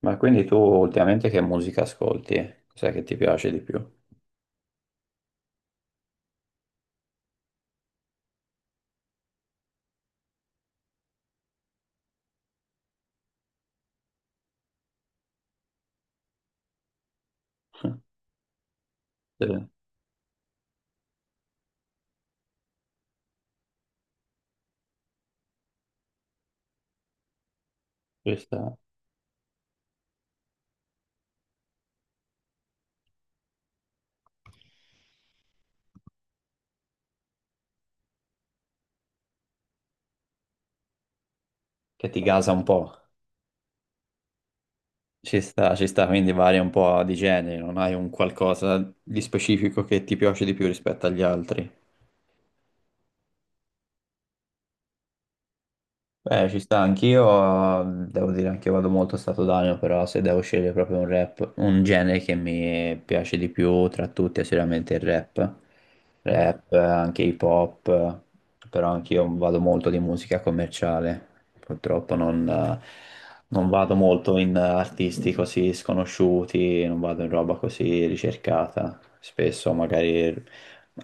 Ma quindi tu ultimamente che musica ascolti? Cos'è che ti piace di più? Sì, ci sta. Che ti gasa un po'. Ci sta, quindi varia un po' di genere, non hai un qualcosa di specifico che ti piace di più rispetto agli altri. Beh, ci sta, anch'io devo dire anche io vado molto a stato d'animo, però se devo scegliere proprio un rap, un genere che mi piace di più tra tutti è sicuramente il rap. Rap, anche hip hop, però anch'io vado molto di musica commerciale. Purtroppo non vado molto in artisti così sconosciuti, non vado in roba così ricercata. Spesso magari,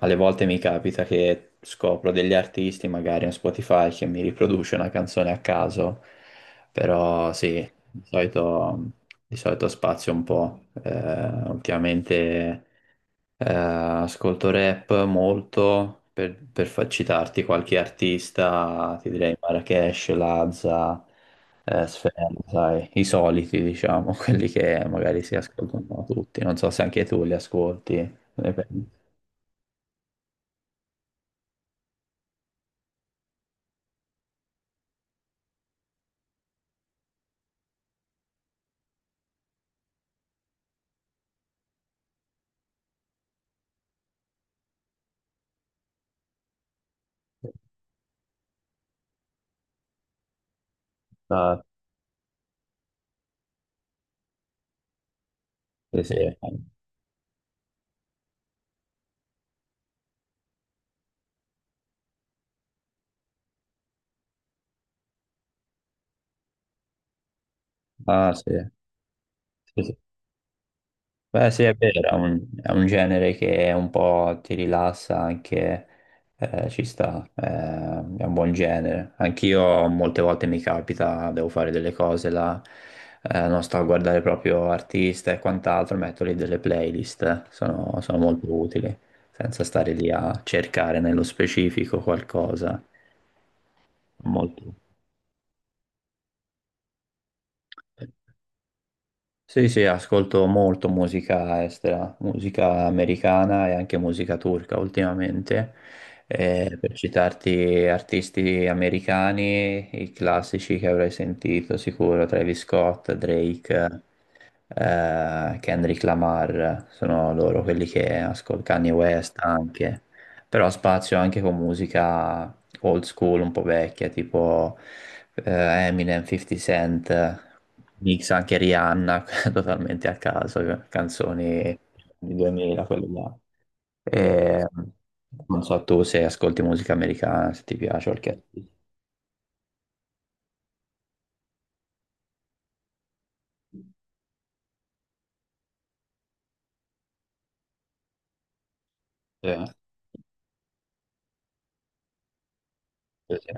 alle volte mi capita che scopro degli artisti, magari un Spotify che mi riproduce una canzone a caso, però sì, di solito spazio un po'. Ultimamente. Eh, ascolto rap molto, per citarti qualche artista, ti direi Marracash, Lazza, Sfera, sai, i soliti, diciamo, quelli che magari si ascoltano tutti. Non so se anche tu li ascolti. Ne pensi? Ah, sì, sì. Ah, sì. Sì, sì. Beh, sì, è vero, è un, è un, genere che un po' ti rilassa anche, ci sta, è un buon genere. Anch'io molte volte mi capita, devo fare delle cose là, non sto a guardare proprio artista e quant'altro, metto lì delle playlist, sono molto utili, senza stare lì a cercare nello specifico qualcosa. Molto. Sì, sì, ascolto molto musica estera, musica americana e anche musica turca ultimamente. Per citarti artisti americani, i classici che avrai sentito sicuro, Travis Scott, Drake, Kendrick Lamar, sono loro quelli che ascolto, Kanye West anche. Però spazio anche con musica old school, un po' vecchia, tipo Eminem, 50 Cent, mix anche Rihanna totalmente a caso, canzoni di 2000, quelle là. Mm. E, non so tu se ascolti musica americana, se ti piace qualche artista. Eh, sì, sì.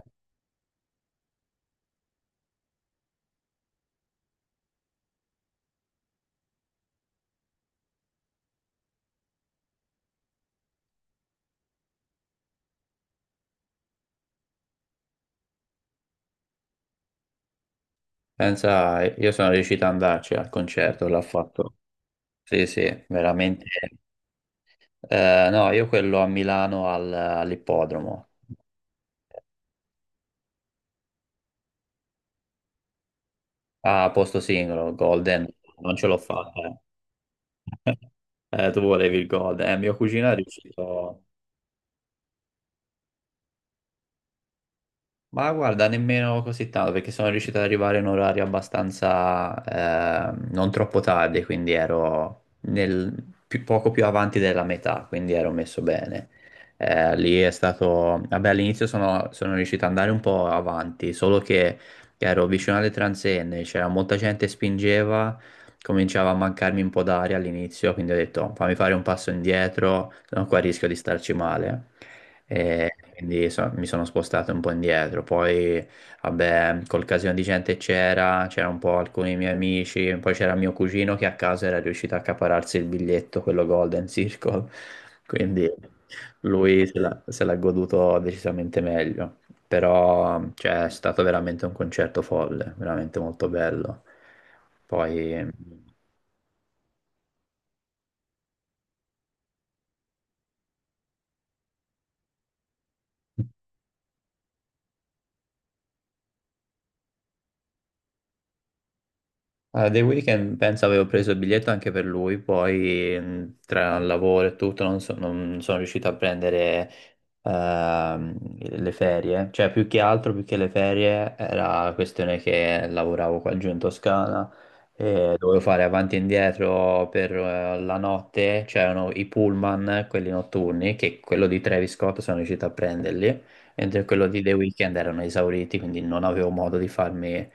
Pensa, io sono riuscito ad andarci al concerto, l'ho fatto. Sì, sì, veramente. No, io quello a Milano all'ippodromo, a posto singolo, Golden, non ce l'ho fatta. Eh. Tu volevi il Golden, mio cugino è riuscito. Ma guarda, nemmeno così tanto perché sono riuscito ad arrivare in un orario abbastanza non troppo tardi, quindi ero poco più avanti della metà, quindi ero messo bene. Lì è stato, vabbè, all'inizio sono riuscito ad andare un po' avanti, solo che ero vicino alle transenne, c'era molta gente che spingeva, cominciava a mancarmi un po' d'aria all'inizio, quindi ho detto fammi fare un passo indietro, se no qua rischio di starci male. E quindi mi sono spostato un po' indietro. Poi, vabbè, col casino di gente c'era un po' alcuni miei amici, poi c'era mio cugino che a caso era riuscito a accapararsi il biglietto, quello Golden Circle, quindi lui se l'ha goduto decisamente meglio. Però, cioè, è stato veramente un concerto folle, veramente molto bello. Poi... Allora, The Weeknd penso avevo preso il biglietto anche per lui, poi tra il lavoro e tutto non sono riuscito a prendere ehm, le ferie, cioè più che altro, più che le ferie, era la questione che lavoravo qua giù in Toscana e dovevo fare avanti e indietro per la notte, c'erano i pullman, quelli notturni, che quello di Travis Scott sono riuscito a prenderli, mentre quello di The Weeknd erano esauriti, quindi non avevo modo di farmi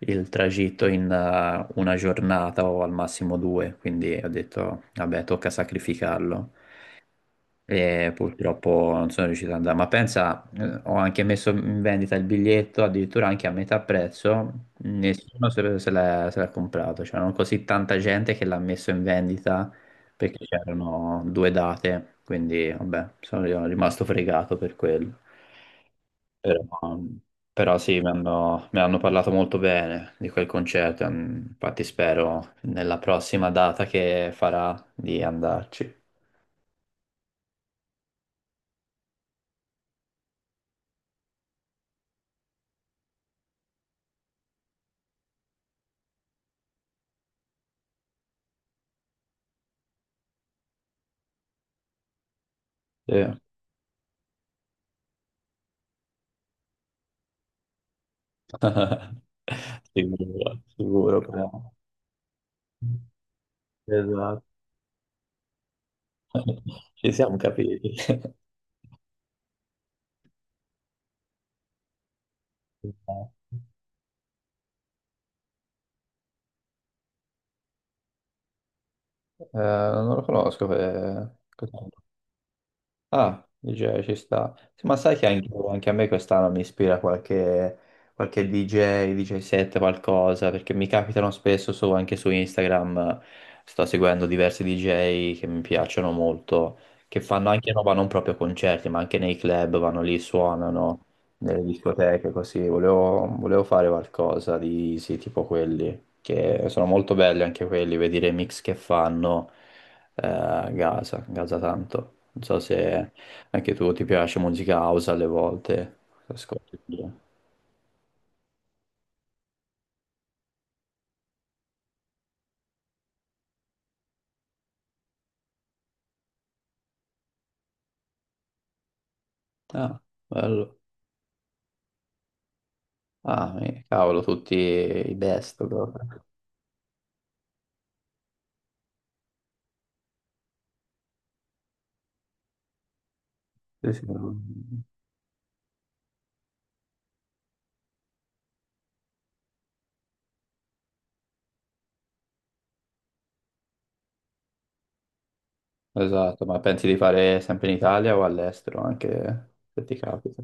il tragitto in una giornata o al massimo due, quindi ho detto, vabbè, tocca sacrificarlo. E purtroppo non sono riuscito ad andare, ma pensa, ho anche messo in vendita il biglietto, addirittura anche a metà prezzo, nessuno se l'ha comprato, c'era così tanta gente che l'ha messo in vendita perché c'erano due date, quindi vabbè, sono rimasto fregato per quello. Però, però sì, mi hanno parlato molto bene di quel concerto, infatti spero nella prossima data che farà di andarci. Sì. Sicuro, sicuro. Però. Esatto. Ci siamo capiti. Non lo conosco. Cos'è? Ah, DJ ci sta. Sì, ma sai che anche a me quest'anno mi ispira qualche DJ, DJ set, qualcosa, perché mi capitano spesso anche su Instagram, sto seguendo diversi DJ che mi piacciono molto, che fanno anche roba non proprio concerti, ma anche nei club, vanno lì, suonano, nelle discoteche, così. Volevo fare qualcosa di, sì, tipo quelli, che sono molto belli anche quelli, vedere i mix che fanno Gaza, Gaza tanto. Non so se anche tu ti piace musica house alle volte. Ascolti pure. Ah, bello. Ah, cavolo, tutti i best proprio. Sì, sì. Esatto, ma pensi di fare sempre in Italia o all'estero anche se ti capita?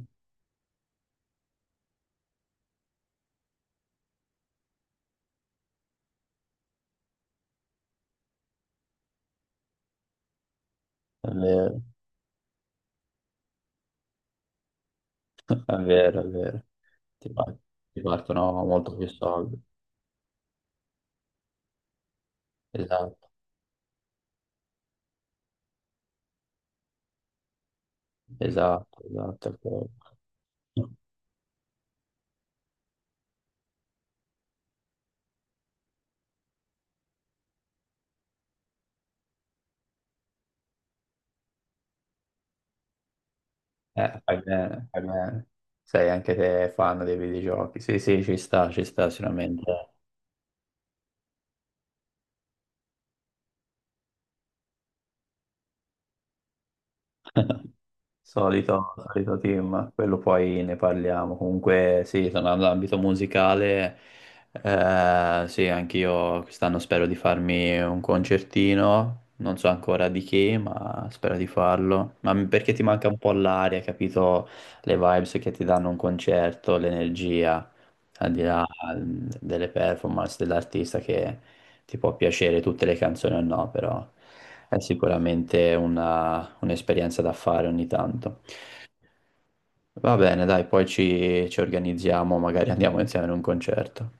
È vero, è vero, è vero. Ti par- ti partono molto più soldi. Esatto, esatto, esatto. È quello. Fai bene, fai bene. Sei anche te fan dei videogiochi. Sì, sì, ci sta sicuramente. Solito, solito team, quello poi ne parliamo. Comunque, sì, tornando all'ambito musicale, sì, anch'io quest'anno spero di farmi un concertino. Non so ancora di chi, ma spero di farlo. Ma perché ti manca un po' l'aria, capito? Le vibes che ti danno un concerto, l'energia, al di là delle performance dell'artista che ti può piacere tutte le canzoni o no, però è sicuramente un'esperienza da fare ogni tanto. Va bene, dai, poi ci organizziamo, magari andiamo insieme in un concerto.